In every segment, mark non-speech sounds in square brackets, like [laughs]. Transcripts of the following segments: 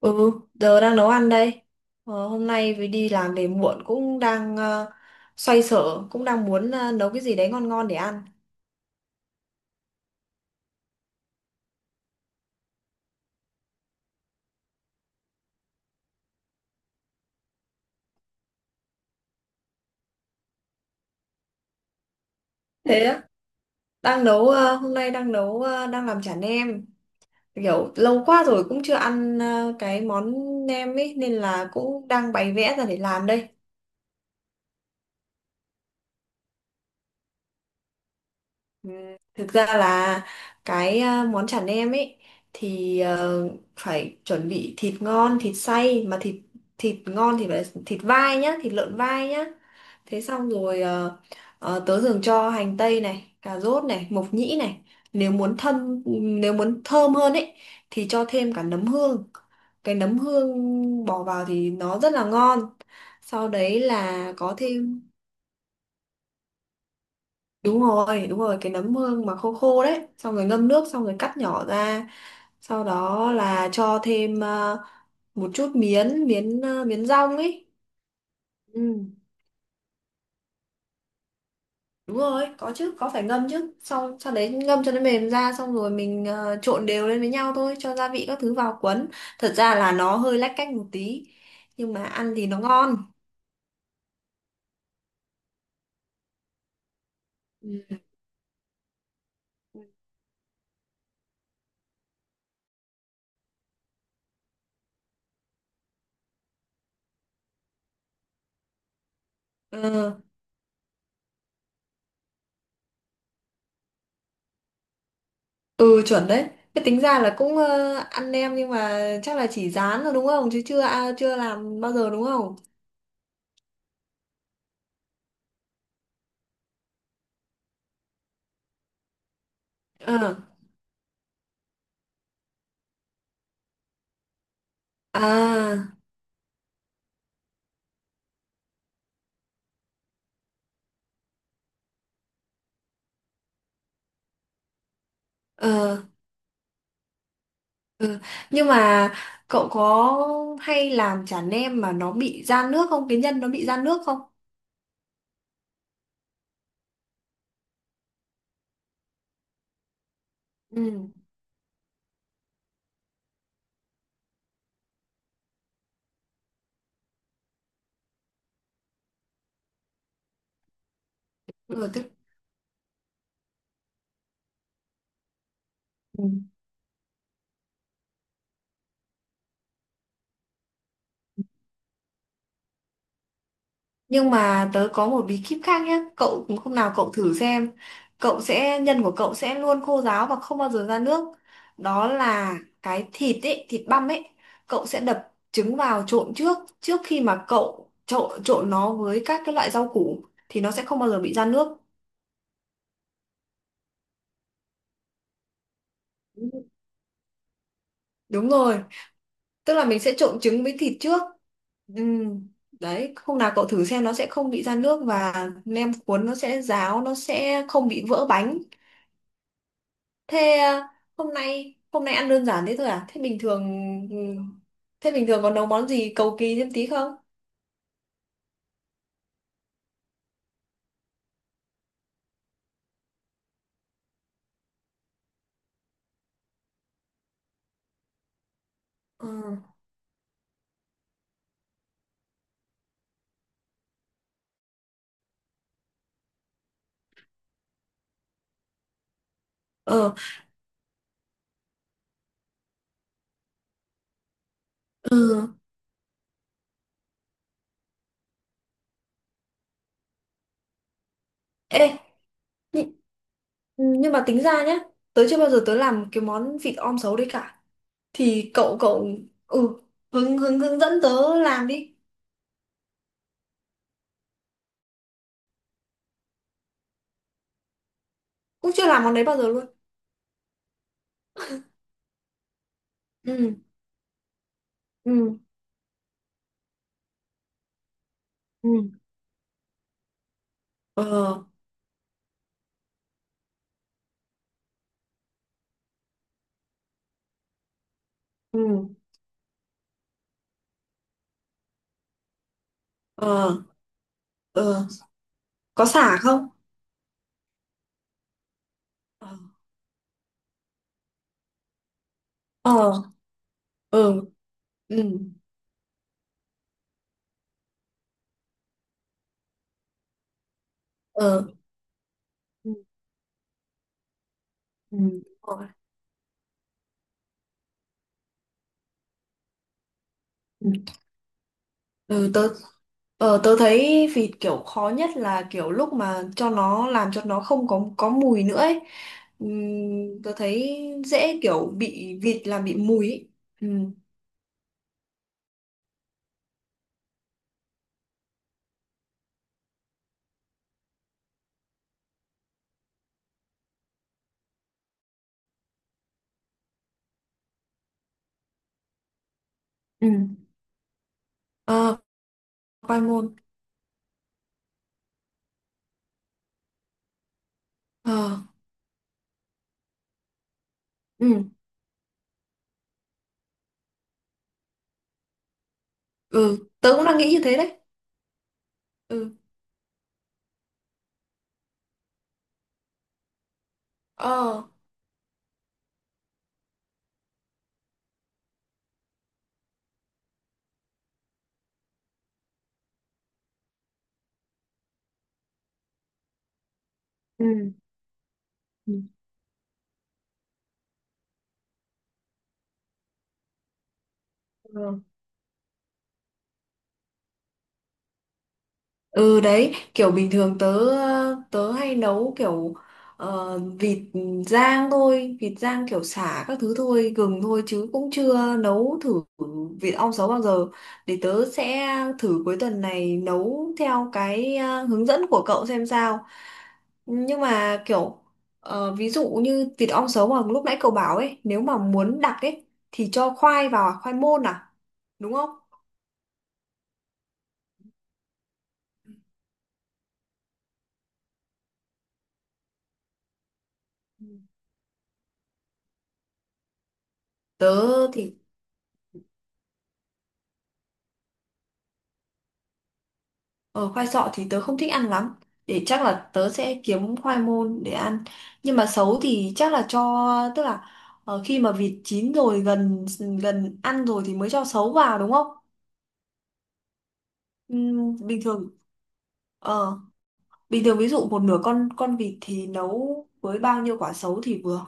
Ừ, giờ đang nấu ăn đây. Hôm nay vì đi làm về muộn cũng đang xoay sở, cũng đang muốn nấu cái gì đấy ngon ngon để ăn. Thế á, hôm nay đang làm chả nem. Kiểu lâu quá rồi cũng chưa ăn cái món nem ấy nên là cũng đang bày vẽ ra để làm đây. Thực ra là cái món chả nem ấy thì phải chuẩn bị thịt ngon, thịt xay mà thịt thịt ngon thì phải thịt vai nhá, thịt lợn vai nhá. Thế xong rồi tớ thường cho hành tây này, cà rốt này, mộc nhĩ này. Nếu muốn thơm nếu muốn thơm hơn ấy thì cho thêm cả nấm hương. Cái nấm hương bỏ vào thì nó rất là ngon. Sau đấy là có thêm Đúng rồi, đúng rồi, cái nấm hương mà khô khô đấy, xong rồi ngâm nước xong rồi cắt nhỏ ra. Sau đó là cho thêm một chút miến miến ờ, miến rong ấy. Ừ. Đúng rồi, có chứ, có phải ngâm chứ. Sau sau đấy ngâm cho nó mềm ra xong rồi mình trộn đều lên với nhau thôi, cho gia vị các thứ vào cuốn. Thật ra là nó hơi lách cách một tí nhưng mà ăn thì nó ngon. Ừ. Ừ, ừ chuẩn đấy, cái tính ra là cũng ăn nem nhưng mà chắc là chỉ rán rồi đúng không, chứ chưa làm bao giờ đúng không? Ờ. À. Ờ. Ừ. Nhưng mà cậu có hay làm chả nem mà nó bị ra nước không? Cái nhân nó bị ra nước không? Ừ. Ừ, ừ. Nhưng mà tớ có một bí kíp khác nhé. Cậu hôm nào cậu thử xem. Cậu sẽ nhân của cậu sẽ luôn khô ráo và không bao giờ ra nước. Đó là cái thịt ấy, thịt băm ấy. Cậu sẽ đập trứng vào trộn trước, trước khi mà cậu trộn trộn nó với các cái loại rau củ thì nó sẽ không bao giờ bị ra nước. Đúng rồi. Tức là mình sẽ trộn trứng với thịt trước. Ừm, đấy hôm nào cậu thử xem nó sẽ không bị ra nước và nem cuốn nó sẽ ráo, nó sẽ không bị vỡ bánh. Thế à, hôm nay ăn đơn giản thế thôi à? Thế bình thường, ừ, thế bình thường còn nấu món gì cầu kỳ thêm tí không? Ờ. Ờ. Ừ. Ê, nhưng, nhưng mà tính ra nhá, tớ chưa bao giờ tớ làm cái món vịt om sấu đấy cả. Thì cậu cậu, ừ, hướng hướng hướng dẫn tớ làm đi. Cũng chưa làm món đấy bao giờ luôn. Ừ. Ừ. Ừ. Ờ. Ừ. Ờ. Ờ. Có xả không? Ờ. Ờ. Ừ. Ừ. Ờ. Ừ. Ừ. Rồi. Ừ. Ừ, tớ thấy vịt kiểu khó nhất là kiểu lúc mà cho nó làm cho nó không có mùi nữa ấy. Tớ thấy dễ kiểu bị vịt làm bị mùi ấy. Ừ. Ừ. Ờ. Khoai môn. Ờ. Ừ. Ừ. Tớ cũng đang nghĩ như thế đấy. Ừ. Ờ. Ừ. Ừ. Ờ. Ừ đấy, kiểu bình thường tớ tớ hay nấu kiểu vịt rang thôi, vịt rang kiểu sả các thứ thôi, gừng thôi chứ cũng chưa nấu thử vịt ong sấu bao giờ. Để tớ sẽ thử cuối tuần này nấu theo cái hướng dẫn của cậu xem sao. Nhưng mà kiểu ví dụ như vịt ong sấu mà lúc nãy cậu bảo ấy, nếu mà muốn đặc ấy thì cho khoai vào, à? Khoai môn à, đúng không? Ừ. Tớ thì Ờ, khoai sọ thì tớ không thích ăn lắm, để chắc là tớ sẽ kiếm khoai môn để ăn. Nhưng mà sấu thì chắc là tức là khi mà vịt chín rồi, gần gần ăn rồi thì mới cho sấu vào đúng không? Ừm, bình thường ờ, bình thường ví dụ một nửa con vịt thì nấu với bao nhiêu quả sấu thì vừa?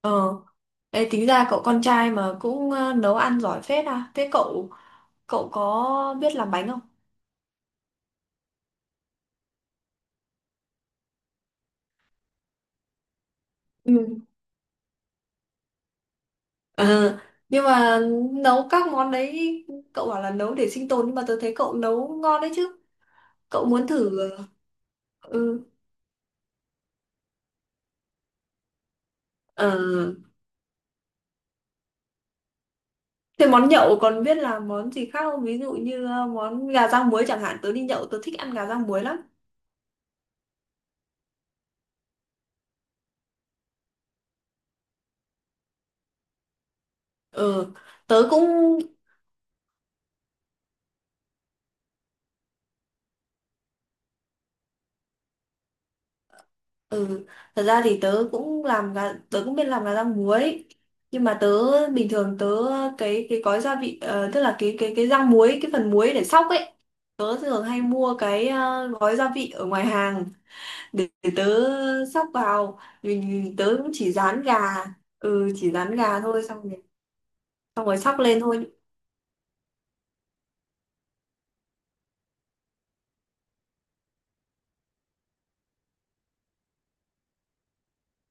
Ờ. Ê, tính ra cậu con trai mà cũng nấu ăn giỏi phết à, thế cậu cậu có biết làm bánh không? Ờ, nhưng mà nấu các món đấy cậu bảo là nấu để sinh tồn nhưng mà tôi thấy cậu nấu ngon đấy chứ. Cậu muốn thử. Ừ. Ờ, thế món nhậu còn biết làm món gì khác không, ví dụ như món gà rang muối chẳng hạn, tớ đi nhậu tớ thích ăn gà rang muối lắm. Ờ. tớ cũng Ừ, thật ra thì tớ cũng làm gà, tớ cũng biết làm gà rang muối, nhưng mà bình thường tớ cái gói gia vị tức là cái rang muối, cái phần muối để sóc ấy, tớ thường hay mua cái gói gia vị ở ngoài hàng để, tớ sóc vào. Mình tớ cũng chỉ rán gà, ừ chỉ rán gà thôi, xong rồi sóc lên thôi.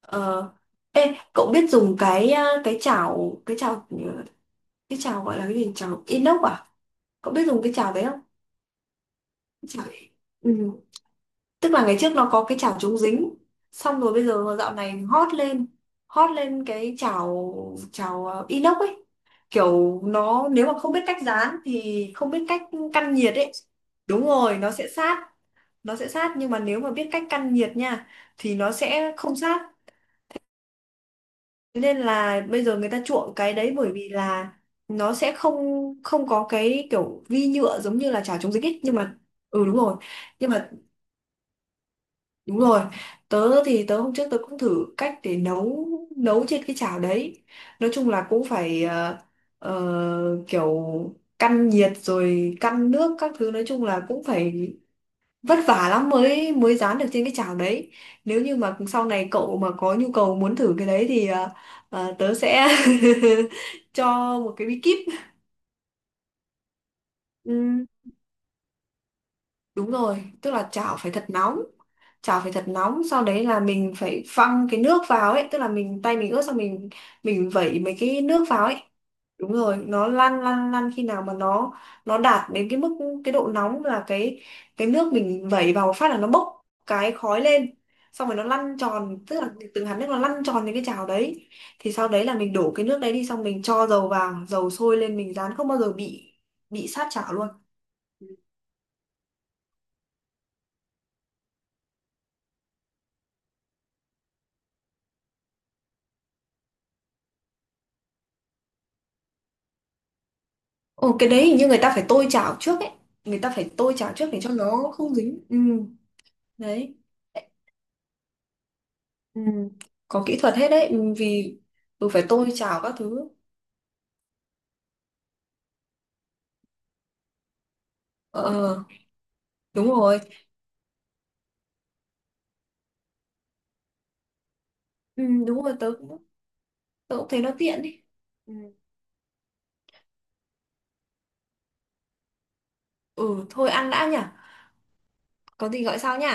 Ờ. Ê, cậu biết dùng cái chảo gọi là cái gì, chảo inox à, cậu biết dùng cái chảo đấy không? Chả- Ừ. Tức là ngày trước nó có cái chảo chống dính, xong rồi bây giờ dạo này hot lên, hot lên cái chảo chảo inox ấy, kiểu nó nếu mà không biết cách dán thì không biết cách căn nhiệt ấy, đúng rồi nó sẽ sát, nó sẽ sát, nhưng mà nếu mà biết cách căn nhiệt nha thì nó sẽ không sát. Thế nên là bây giờ người ta chuộng cái đấy bởi vì là nó sẽ không không có cái kiểu vi nhựa giống như là chảo chống dính ấy, nhưng mà ừ đúng rồi, nhưng mà đúng rồi, tớ thì tớ hôm trước tớ cũng thử cách để nấu nấu trên cái chảo đấy. Nói chung là cũng phải kiểu căn nhiệt rồi căn nước các thứ, nói chung là cũng phải vất vả lắm mới mới rán được trên cái chảo đấy. Nếu như mà sau này cậu mà có nhu cầu muốn thử cái đấy thì tớ sẽ [laughs] cho một cái bí kíp. Ừ, đúng rồi, tức là chảo phải thật nóng. Chảo phải thật nóng, sau đấy là mình phải văng cái nước vào ấy, tức là mình tay mình ướt xong mình vẩy mấy cái nước vào ấy. Đúng rồi, nó lăn lăn lăn khi nào mà nó đạt đến cái mức, cái độ nóng là cái nước mình vẩy vào một phát là nó bốc cái khói lên. Xong rồi nó lăn tròn, tức là từng hạt nước nó lăn tròn đến cái chảo đấy. Thì sau đấy là mình đổ cái nước đấy đi, xong mình cho dầu vào, dầu sôi lên mình rán không bao giờ bị sát chảo luôn. Ồ, cái đấy hình như người ta phải tôi chảo trước ấy. Người ta phải tôi chảo trước để cho nó không dính. Ừ, đấy. Ừ. Có kỹ thuật hết đấy. Ừ, vì tôi phải tôi chảo các thứ. Ờ, ờ, đúng rồi. Ừ, đúng rồi, tớ cũng thấy nó tiện đi. Ừ, ừ, thôi ăn đã nhỉ. Có gì gọi sau nhỉ?